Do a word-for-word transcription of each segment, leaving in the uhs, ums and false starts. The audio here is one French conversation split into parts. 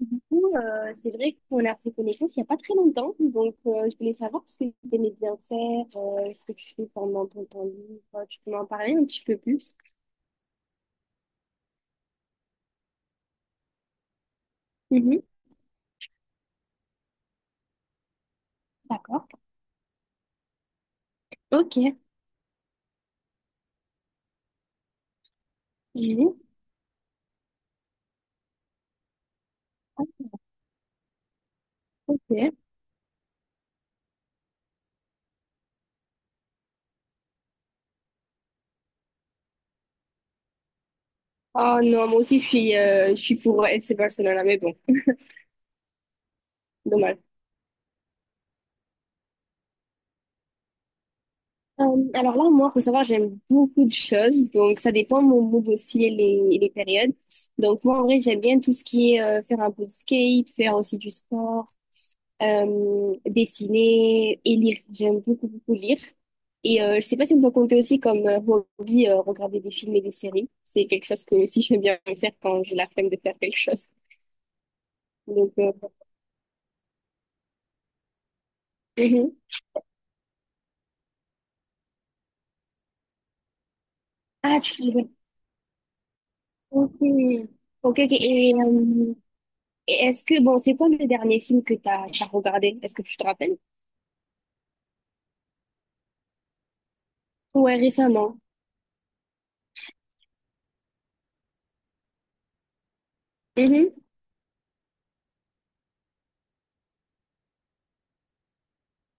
Du coup, euh, c'est vrai qu'on a fait connaissance il n'y a pas très longtemps. Donc, euh, je voulais savoir ce que tu aimais bien faire, euh, ce que tu fais pendant ton temps libre. Tu peux m'en parler un petit peu plus? Mhm, d'accord. Ok, Julie, ok. Oh non, moi aussi je suis, euh, je suis pour F C Barcelona, mais bon, dommage. Euh, alors là, moi, faut savoir, j'aime beaucoup de choses, donc ça dépend de mon mood aussi et les, et les périodes. Donc moi, en vrai, j'aime bien tout ce qui est euh, faire un peu de skate, faire aussi du sport, euh, dessiner et lire. J'aime beaucoup, beaucoup lire. Et euh, je sais pas si on peut compter aussi comme euh, hobby, euh, regarder des films et des séries. C'est quelque chose que aussi j'aime bien faire quand j'ai la flemme de faire quelque chose. Donc, euh, mhm. Ah, tu fais... Ok, ok, ok. Et, euh, et est-ce que, bon, c'est quoi le dernier film que t'as, t'as regardé? Est-ce que tu te rappelles? Ouais, récemment. Mhm.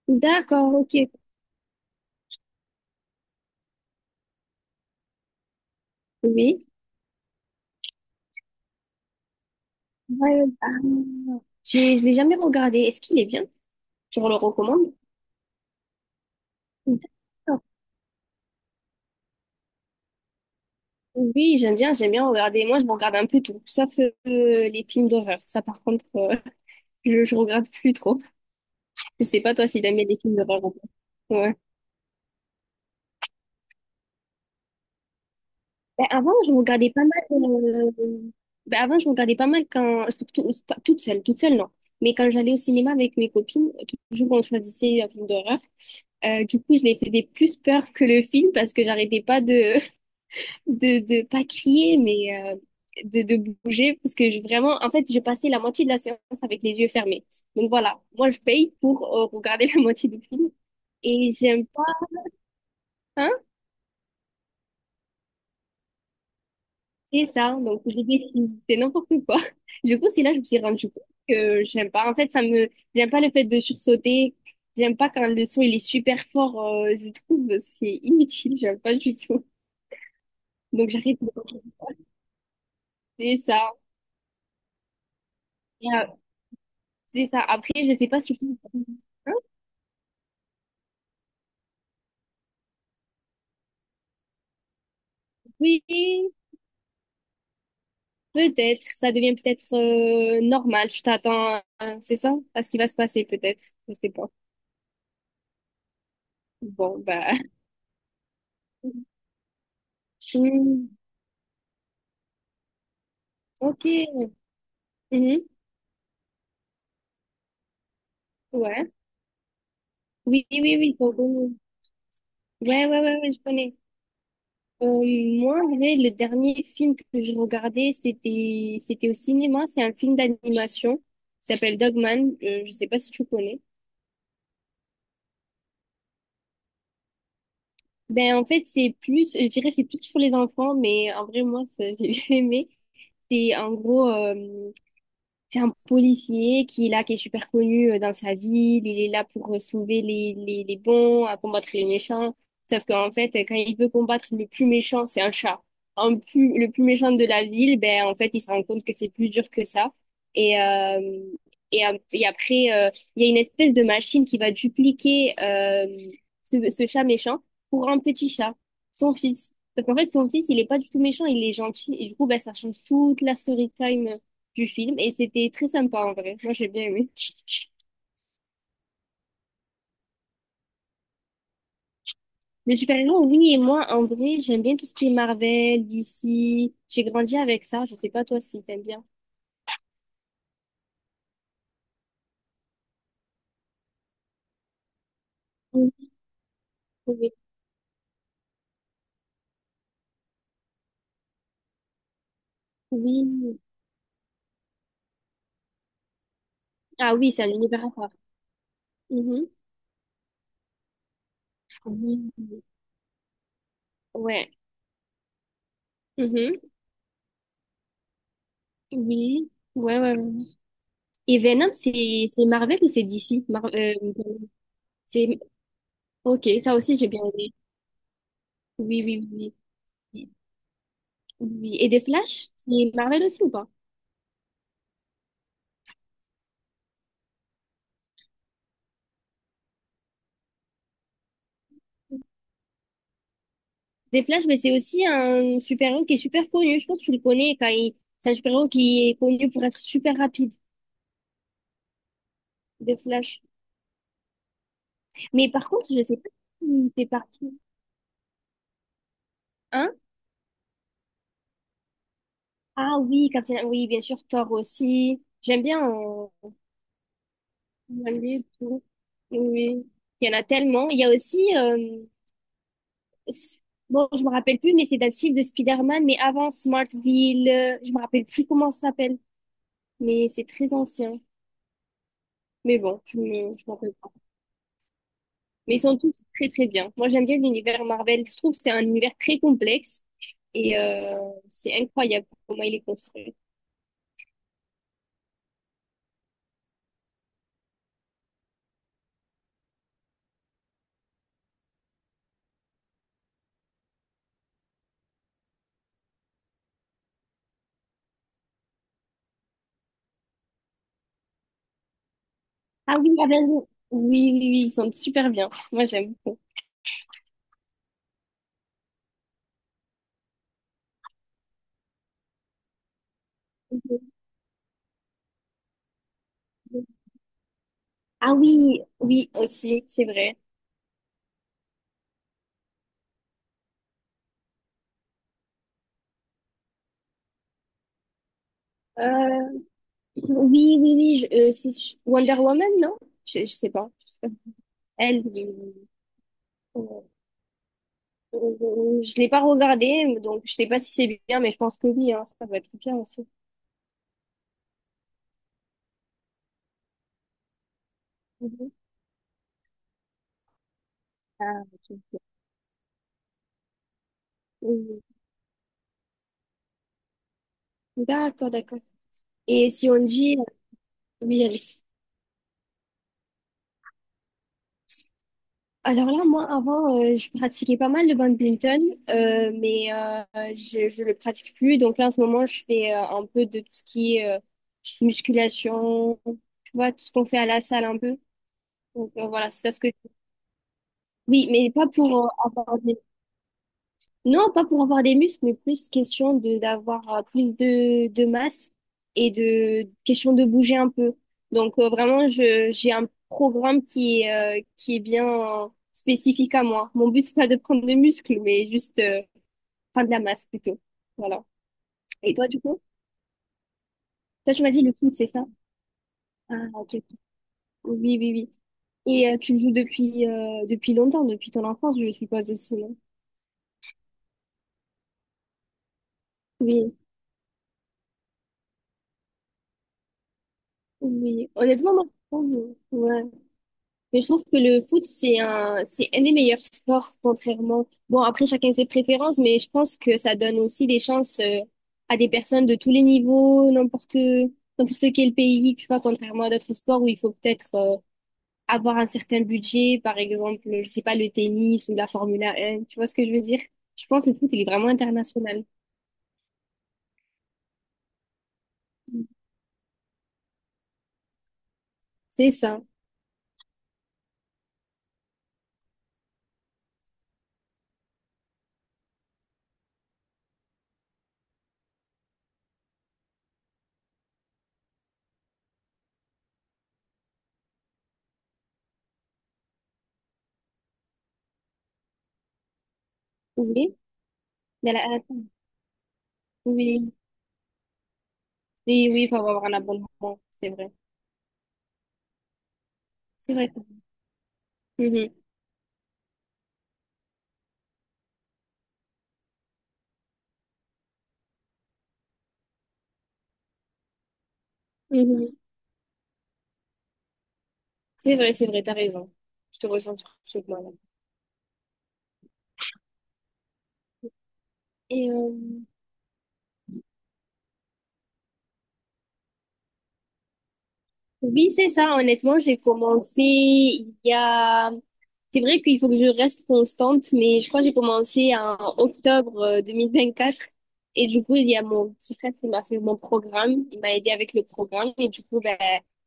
D'accord, ok. Oui. Ouais, ah. J'ai- je l'ai jamais regardé. Est-ce qu'il est bien? Tu le recommandes? D'accord. Oui, j'aime bien, j'aime bien regarder. Moi, je regarde un peu tout, sauf euh, les films d'horreur. Ça, par contre, euh, je, je regarde plus trop. Je sais pas toi si t'aimes bien les films d'horreur ou pas. Ouais. Ben, avant, je regardais pas mal. Euh, ben, avant, je regardais pas mal quand, surtout pas- toute seule, toute seule non. Mais quand j'allais au cinéma avec mes copines, euh, toujours on choisissait un film d'horreur. Euh, du coup, je les faisais plus peur que le film parce que j'arrêtais pas de de de pas crier mais euh, de de bouger parce que je, vraiment en fait je passais la moitié de la séance avec les yeux fermés, donc voilà, moi je paye pour euh, regarder la moitié du film et j'aime pas, hein, c'est ça. Donc j'ai décidé c'était n'importe quoi. Du coup c'est là que je me suis rendu compte que j'aime pas, en fait ça me, j'aime pas le fait de sursauter, j'aime pas quand le son il est super fort, euh, je trouve c'est inutile, j'aime pas du tout. donc j'arrête de- c'est ça. Et, euh, c'est ça. Après je sais pas si... Hein. Oui. Peut-être, ça devient peut-être euh, normal. Tu t'attends, à- c'est ça, à ce qui va se passer peut-être. Je sais pas. Bon, bah. Hmm, ok. Mhm, ouais. Oui, oui, oui. Ils sont... Ouais, ouais, ouais, ouais, je connais. Euh, Moi, en vrai, le dernier film que je regardais, c'était, c'était au cinéma. C'est un film d'animation. Il s'appelle Dogman. Euh, je sais pas si tu connais. Ben, en fait, c'est plus, je dirais, c'est plus pour les enfants, mais en vrai, moi, ça, j'ai bien aimé. C'est en gros. euh, C'est un policier qui est là, qui est super connu euh, dans sa ville. Il est là pour euh, sauver les, les, les bons, à combattre les méchants. Sauf qu'en fait, euh, quand il veut combattre le plus méchant, c'est un chat. Un plus, le plus méchant de la ville, ben, en fait, il se rend compte que c'est plus dur que ça. Et, euh, et, ap- et après, euh, il y a une espèce de machine qui va dupliquer euh, ce, ce chat méchant, pour un petit chat, son fils. Sauf qu'en fait, son fils, il est pas du tout méchant, il est gentil. Et du coup, ben, ça change toute la story time du film, et c'était très sympa en vrai. Moi, j'ai bien aimé. Le super-héros, oui, et moi, en vrai, j'aime bien tout ce qui est Marvel, D C. J'ai grandi avec ça. Je sais pas toi si t'aimes bien. Oui, oui, oui. Ah oui, c'est un univers à part. Mhm. Oui. Ouais. Mhm. Oui. Ouais, ouais, ouais. Et Venom, c'est c'est Marvel ou c'est D C? Mar- euh, c'est... Ok, ça aussi j'ai bien aimé. Oui, oui, oui, oui. Oui. Et des Flash, c'est Marvel aussi ou pas? Des Flash, mais c'est aussi un super-héros qui est super connu. Je pense que tu le connais quand il... C'est un super-héros qui est connu pour être super rapide, de Flash. Mais par contre, je sais pas s'il fait partie. Hein? Ah oui, Captain. Oui, bien sûr, Thor aussi. J'aime bien en et tout. Oui, il y en a tellement. Il y a aussi, euh, s- bon, je me rappelle plus, mais c'est d'un style de Spider-Man, mais avant Smartville, euh, je me rappelle plus comment ça s'appelle, mais c'est très ancien. Mais bon, je me, je me rappelle. Mais ils sont tous très très bien. Moi j'aime bien l'univers Marvel. Je trouve que c'est un univers très complexe, et euh, c'est incroyable comment il est construit. Ah oui, Avengers. Oui, oui, oui, ils sont super bien. Moi j'aime beaucoup. Ah oui, oui aussi, c'est vrai. Euh, oui, oui, oui, je- euh, c'est su- Wonder Woman, non? Je, je sais pas. Elle, euh, euh, je l'ai pas regardée, donc je sais pas si c'est bien, mais je pense que oui, hein, ça va être bien aussi. Mhm. Ah, ok. Ok. Mhm. D'accord, d'accord. Et si on dit, oui, alors là, moi, avant, euh, je pratiquais pas mal le badminton, euh, mais euh, je, je le pratique plus. Donc là, en ce moment, je fais euh, un peu de tout ce qui est euh, musculation, tu vois, tout ce qu'on fait à la salle un peu. Donc euh, voilà, c'est ça ce que... Oui, mais pas pour euh, avoir des... Non, pas pour avoir des muscles, mais plus question de d'avoir euh, plus de, de masse et de question de bouger un peu. Donc euh, vraiment, je j'ai un programme qui est euh, qui est bien euh, spécifique à moi. Mon but, c'est pas de prendre des muscles, mais juste euh, prendre de la masse plutôt. Voilà. Et toi, du coup? Toi, tu m'as dit le foot, c'est ça? Ah, ok. Ok. Oui, oui, oui. Et euh, tu le joues depuis euh, depuis longtemps, depuis ton enfance, je suppose aussi, non? Oui, oui. Honnêtement, moi, je trouve, ouais. Mais je trouve que le foot, c'est un, c'est un des meilleurs sports, contrairement. Bon, après, chacun ses préférences, mais je pense que ça donne aussi des chances euh, à des personnes de tous les niveaux, n'importe, n'importe quel pays, tu vois, contrairement à d'autres sports où il faut peut-être euh, avoir un certain budget, par exemple, je sais pas, le tennis ou la Formule un, tu vois ce que je veux dire? Je pense que le foot, il est vraiment international. C'est ça. Oui. De la- Oui. Oui, oui, il faut avoir un abonnement, c'est vrai. C'est vrai ça. Mhm. Mhm. C'est vrai, c'est vrai, t'as raison. Je te rejoins sur ce point-là. Et euh, oui, c'est ça. Honnêtement, j'ai commencé il y a... C'est vrai qu'il faut que je reste constante, mais je crois que j'ai commencé en octobre euh, deux mille vingt-quatre. Et du coup, il y a mon petit frère qui m'a fait mon programme. Il m'a aidé avec le programme. Et du coup, ben,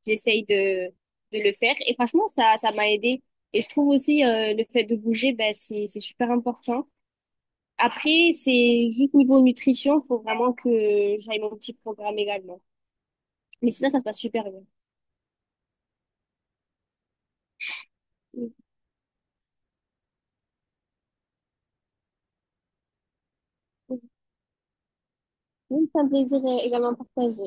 j'essaye de, de le faire. Et franchement, ça, ça m'a aidé. Et je trouve aussi euh, le fait de bouger, ben, c'est, c'est super important. Après, c'est juste niveau nutrition, faut vraiment que j'aille mon petit programme également. Mais sinon, ça se passe super bien. Oui, ça me plaisir euh, également partagé.